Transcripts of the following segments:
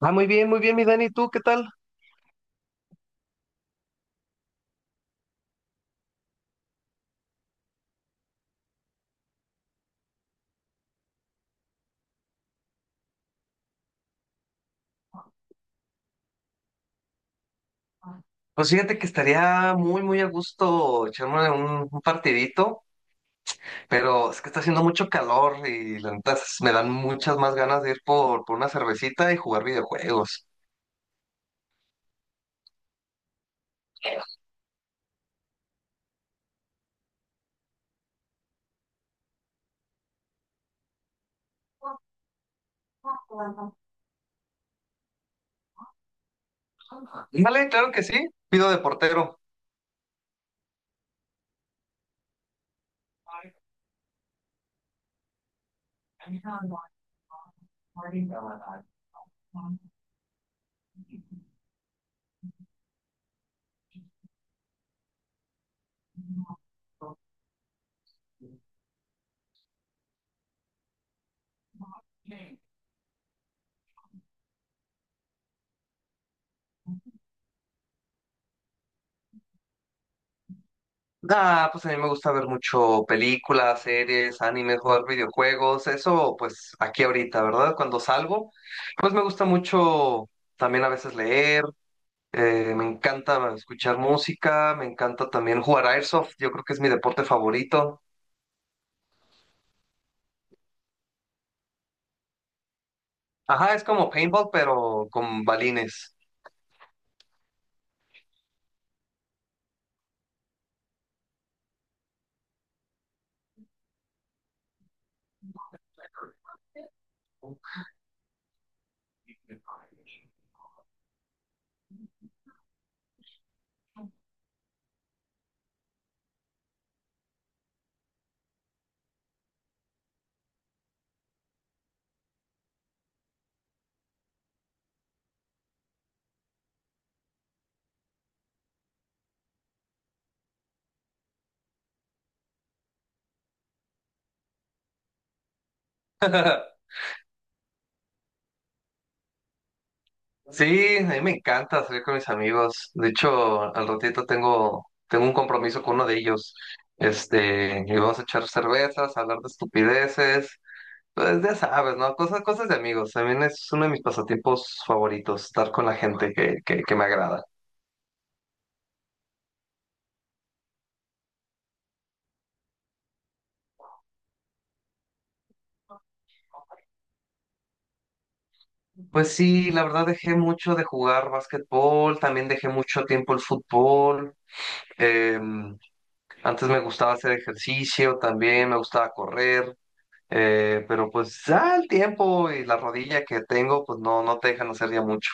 Ah, muy bien, mi Dani. ¿Tú qué tal? Pues fíjate que estaría muy a gusto echarme un partidito. Pero es que está haciendo mucho calor y la neta me dan muchas más ganas de ir por una cervecita y jugar videojuegos. Vale, claro que sí. Pido de portero. Ah, pues a mí me gusta ver mucho películas, series, animes, jugar videojuegos, eso pues aquí ahorita, ¿verdad? Cuando salgo, pues me gusta mucho también a veces leer. Me encanta escuchar música, me encanta también jugar airsoft, yo creo que es mi deporte favorito. Ajá, es como paintball, pero con balines. Sí, a mí me encanta salir con mis amigos. De hecho, al ratito tengo un compromiso con uno de ellos. Este, y vamos a echar cervezas, hablar de estupideces. Pues ya sabes, ¿no? Cosas, cosas de amigos. También es uno de mis pasatiempos favoritos, estar con la gente que me agrada. Pues sí, la verdad dejé mucho de jugar básquetbol, también dejé mucho tiempo el fútbol. eh, Antes me gustaba hacer ejercicio también, me gustaba correr, pero pues ya el tiempo y la rodilla que tengo, pues no, no te dejan hacer ya mucho.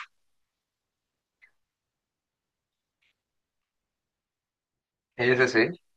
Ese sí. Sí.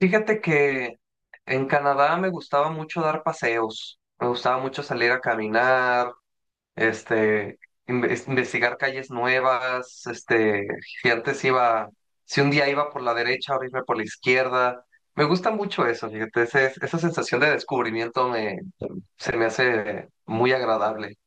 Fíjate que en Canadá me gustaba mucho dar paseos, me gustaba mucho salir a caminar, este, investigar calles nuevas, este, si antes iba, si un día iba por la derecha, ahora irme por la izquierda. Me gusta mucho eso, fíjate, esa sensación de descubrimiento se me hace muy agradable.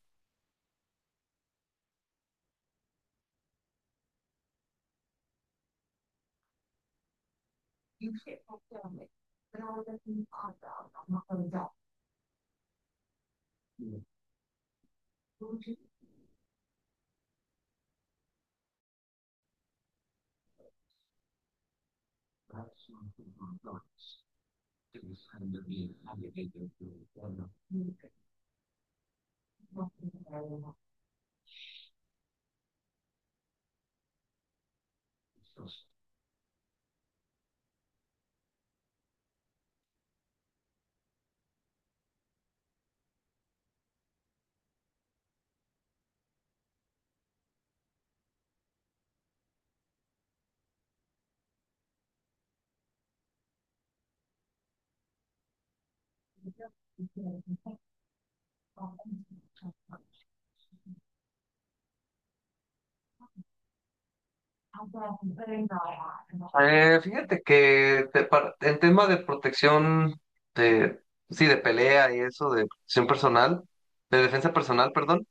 Fíjate que en tema de protección, de, sí, de pelea y eso, de protección personal, de defensa personal, perdón,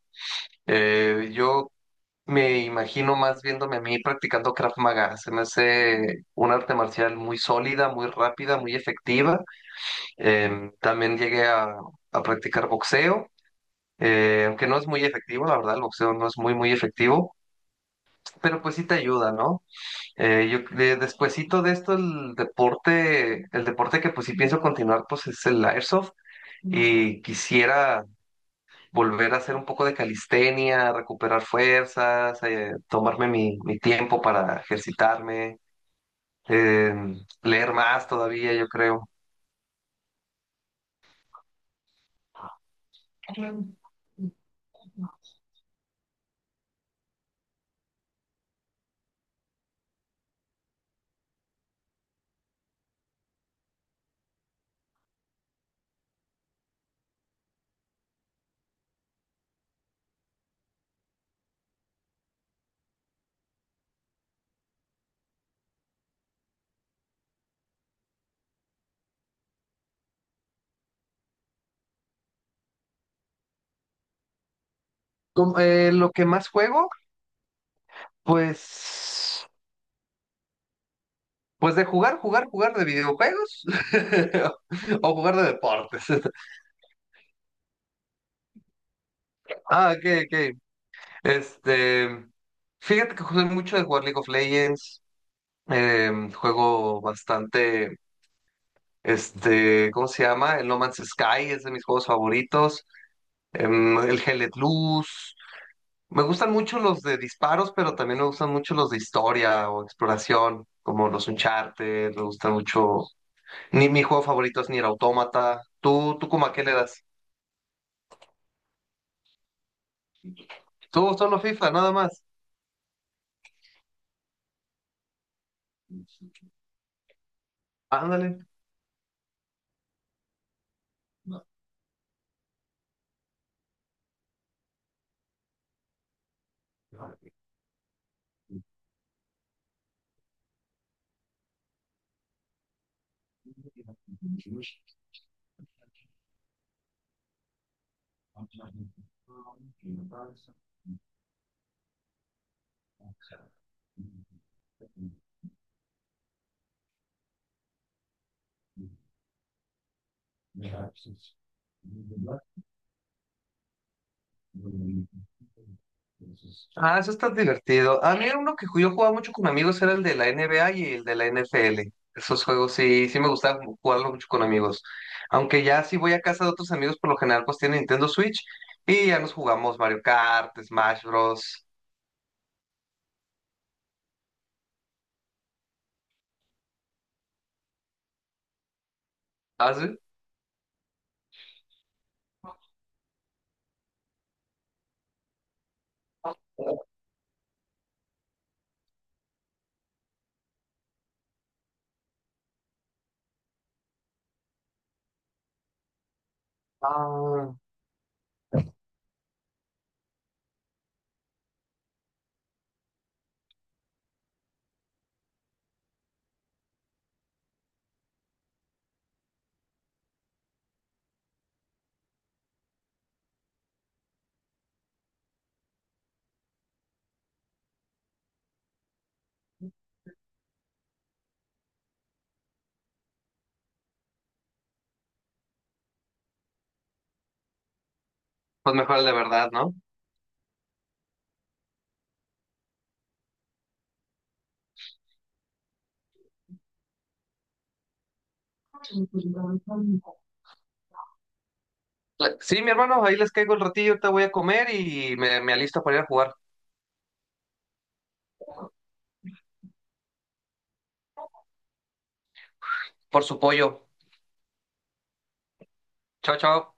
yo me imagino más viéndome a mí practicando Krav Maga. Se me hace un arte marcial muy sólida, muy rápida, muy efectiva. También a practicar boxeo, aunque no es muy efectivo, la verdad, el boxeo no es muy efectivo, pero pues sí te ayuda, ¿no? Yo despuesito de esto, el deporte que pues sí pienso continuar, pues es el Airsoft. Y quisiera volver a hacer un poco de calistenia, recuperar fuerzas, tomarme mi tiempo para ejercitarme, eh, leer más todavía, yo creo. Lo que más juego, pues, pues de jugar, jugar, jugar de videojuegos o jugar de deportes. Ah, ok, ok. Este, fíjate que juego mucho de jugar League of Legends, juego bastante, este, ¿cómo se llama? El No Man's Sky es de mis juegos favoritos. El Hellet Luz. Me gustan mucho los de disparos, pero también me gustan mucho los de historia o exploración, como los Uncharted, me gustan mucho. Ni mi juego favorito es Nier Automata. ¿Tú como a qué le das? Tú solo FIFA, nada más. Ándale. Ah, eso está divertido. A mí uno que yo jugaba mucho con amigos era el de la NBA y el de la NFL. Esos juegos sí me gustaba jugarlo mucho con amigos. Aunque ya si voy a casa de otros amigos, por lo general pues tienen Nintendo Switch y ya nos jugamos Mario Kart, Smash Bros. ¿Ah, sí? Ah, pues mejor el de verdad, ¿no? Sí, mi hermano, ahí les caigo el ratillo, te voy a comer y me alisto para ir a jugar por su pollo. Chao, chao.